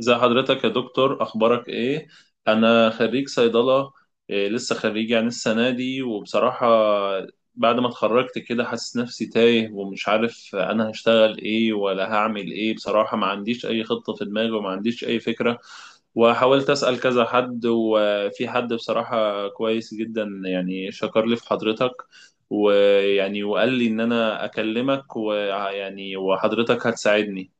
ازي حضرتك يا دكتور، اخبارك ايه؟ انا خريج صيدله. إيه، لسه خريج يعني السنه دي. وبصراحه، بعد ما اتخرجت كده حاسس نفسي تايه، ومش عارف انا هشتغل ايه ولا هعمل ايه. بصراحه ما عنديش اي خطه في دماغي، وما عنديش اي فكره. وحاولت اسال كذا حد، وفي حد بصراحه كويس جدا، يعني شكر لي في حضرتك، وقال لي ان انا اكلمك، وحضرتك هتساعدني.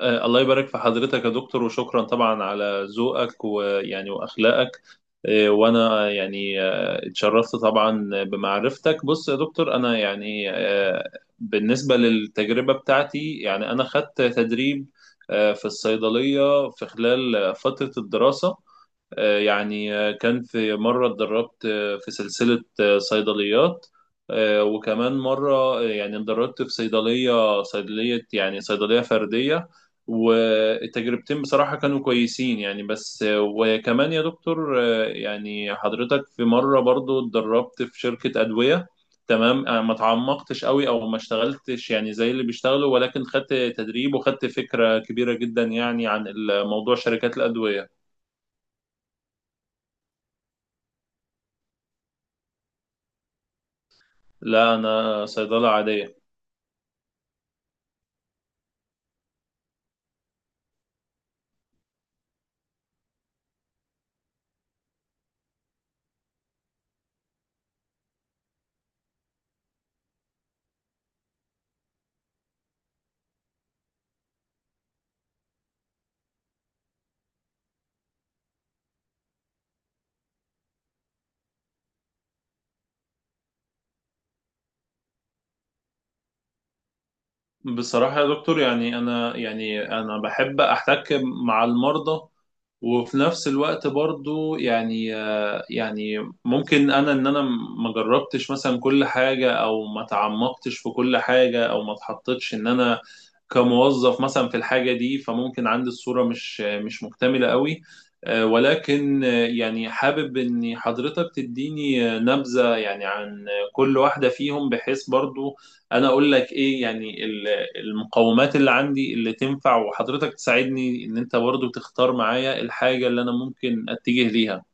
الله يبارك في حضرتك يا دكتور، وشكرا طبعا على ذوقك، واخلاقك. وانا يعني اتشرفت طبعا بمعرفتك. بص يا دكتور، انا يعني بالنسبه للتجربه بتاعتي، يعني انا خدت تدريب في الصيدليه في خلال فتره الدراسه. كان في مرة اتدربت في سلسلة صيدليات. وكمان مرة اتدربت في صيدلية، صيدلية يعني صيدلية فردية. والتجربتين بصراحة كانوا كويسين يعني. بس وكمان يا دكتور حضرتك، في مرة برضو اتدربت في شركة أدوية. تمام. ما تعمقتش قوي، او ما اشتغلتش يعني زي اللي بيشتغلوا، ولكن خدت تدريب، وخدت فكرة كبيرة جدا يعني عن الموضوع، شركات الأدوية. لا، انا صيدله عاديه. بصراحة يا دكتور يعني أنا، يعني أنا بحب أحتك مع المرضى. وفي نفس الوقت برضو يعني يعني ممكن أنا، إن أنا ما جربتش مثلا كل حاجة، أو ما تعمقتش في كل حاجة، أو ما اتحطتش إن أنا كموظف مثلا في الحاجة دي. فممكن عندي الصورة مش مكتملة قوي. ولكن يعني حابب إن حضرتك تديني نبذة يعني عن كل واحدة فيهم، بحيث برضو انا اقول لك ايه يعني المقومات اللي عندي اللي تنفع، وحضرتك تساعدني ان انت برضو تختار معايا الحاجة اللي انا ممكن اتجه ليها.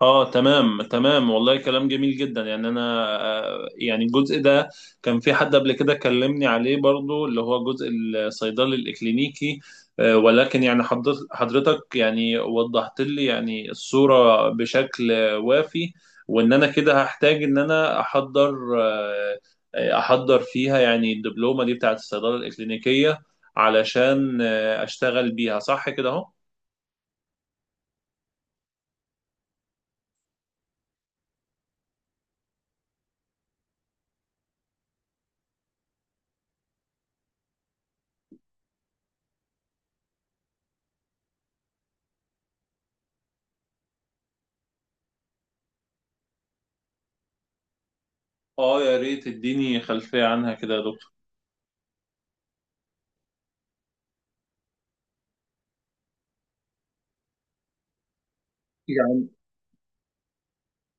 اه، تمام تمام، والله كلام جميل جدا. يعني انا يعني الجزء ده كان في حد قبل كده كلمني عليه برضو، اللي هو جزء الصيدلي الاكلينيكي. ولكن يعني حضرتك يعني وضحت لي يعني الصورة بشكل وافي. وان انا كده هحتاج ان انا احضر، آه، احضر فيها يعني الدبلومة دي بتاعت الصيدلة الاكلينيكية، علشان اشتغل بيها. صح كده اهو. اه، يا ريت تديني خلفية عنها كده يا دكتور.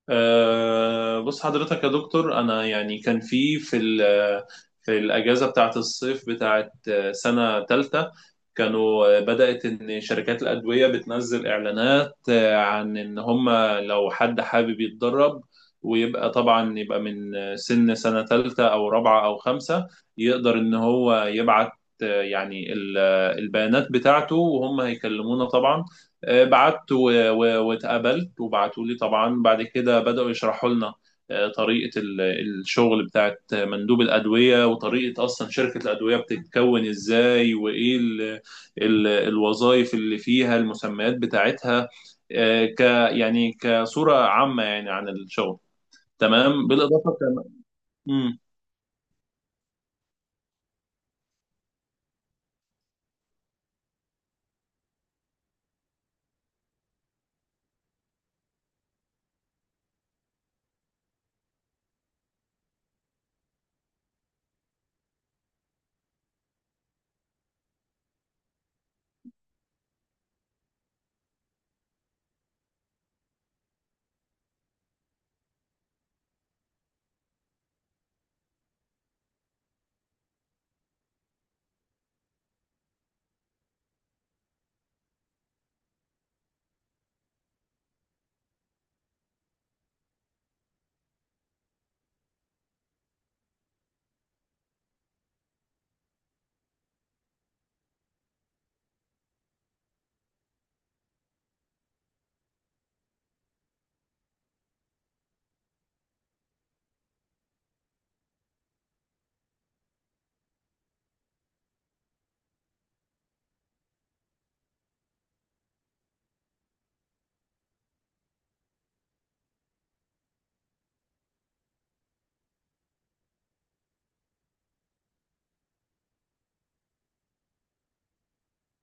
أه، بص حضرتك يا دكتور، أنا يعني كان في الأجازة بتاعة الصيف بتاعة سنة تالتة، كانوا بدأت إن شركات الأدوية بتنزل إعلانات عن إن هم لو حد حابب يتدرب، ويبقى طبعا يبقى من سنة تالتة أو رابعة أو خمسة، يقدر إن هو يبعت يعني البيانات بتاعته، وهم هيكلمونا طبعا. بعت واتقابلت، وبعتوا لي طبعا. بعد كده بدأوا يشرحوا لنا طريقة الشغل بتاعت مندوب الأدوية، وطريقة أصلا شركة الأدوية بتتكون إزاي، وإيه الوظائف اللي فيها، المسميات بتاعتها. آه، ك يعني كصورة عامة يعني عن الشغل. تمام. بالإضافة كمان.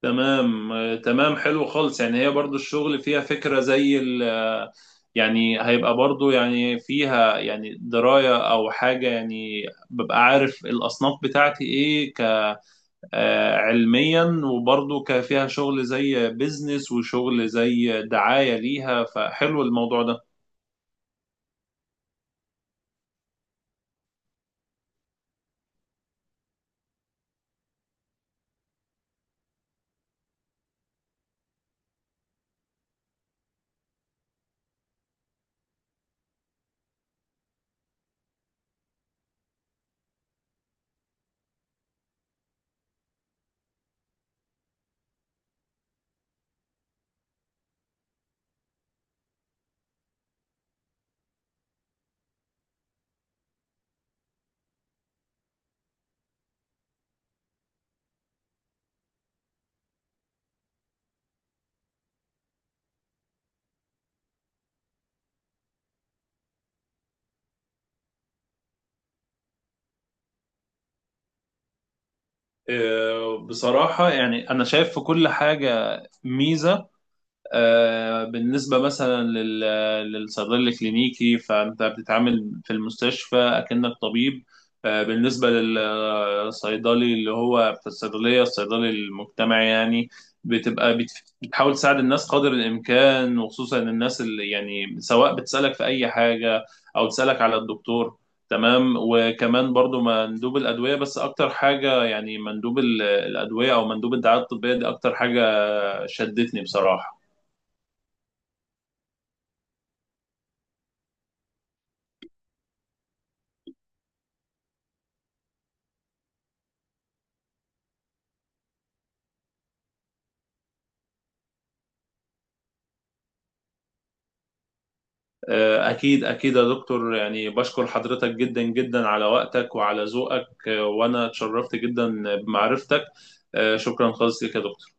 تمام تمام، حلو خالص. يعني هي برضو الشغل فيها فكرة زي ال يعني هيبقى برضو يعني فيها يعني دراية أو حاجة. يعني ببقى عارف الأصناف بتاعتي إيه، ك آه، علميا، وبرضو فيها شغل زي بيزنس، وشغل زي دعاية ليها. فحلو الموضوع ده. بصراحة يعني أنا شايف في كل حاجة ميزة. بالنسبة مثلا للصيدلي الكلينيكي، فأنت بتتعامل في المستشفى أكنك طبيب. بالنسبة للصيدلي اللي هو في الصيدلية، الصيدلي المجتمعي يعني، بتبقى بتحاول تساعد الناس قدر الإمكان، وخصوصا الناس اللي يعني، سواء بتسألك في أي حاجة أو تسألك على الدكتور. تمام. وكمان برضو مندوب الأدوية. بس أكتر حاجة يعني مندوب الأدوية، أو مندوب الدعاية الطبية دي، أكتر حاجة شدتني بصراحة. أكيد أكيد يا دكتور، يعني بشكر حضرتك جدا جدا على وقتك وعلى ذوقك، وأنا اتشرفت جدا بمعرفتك. شكرا خالص لك يا دكتور.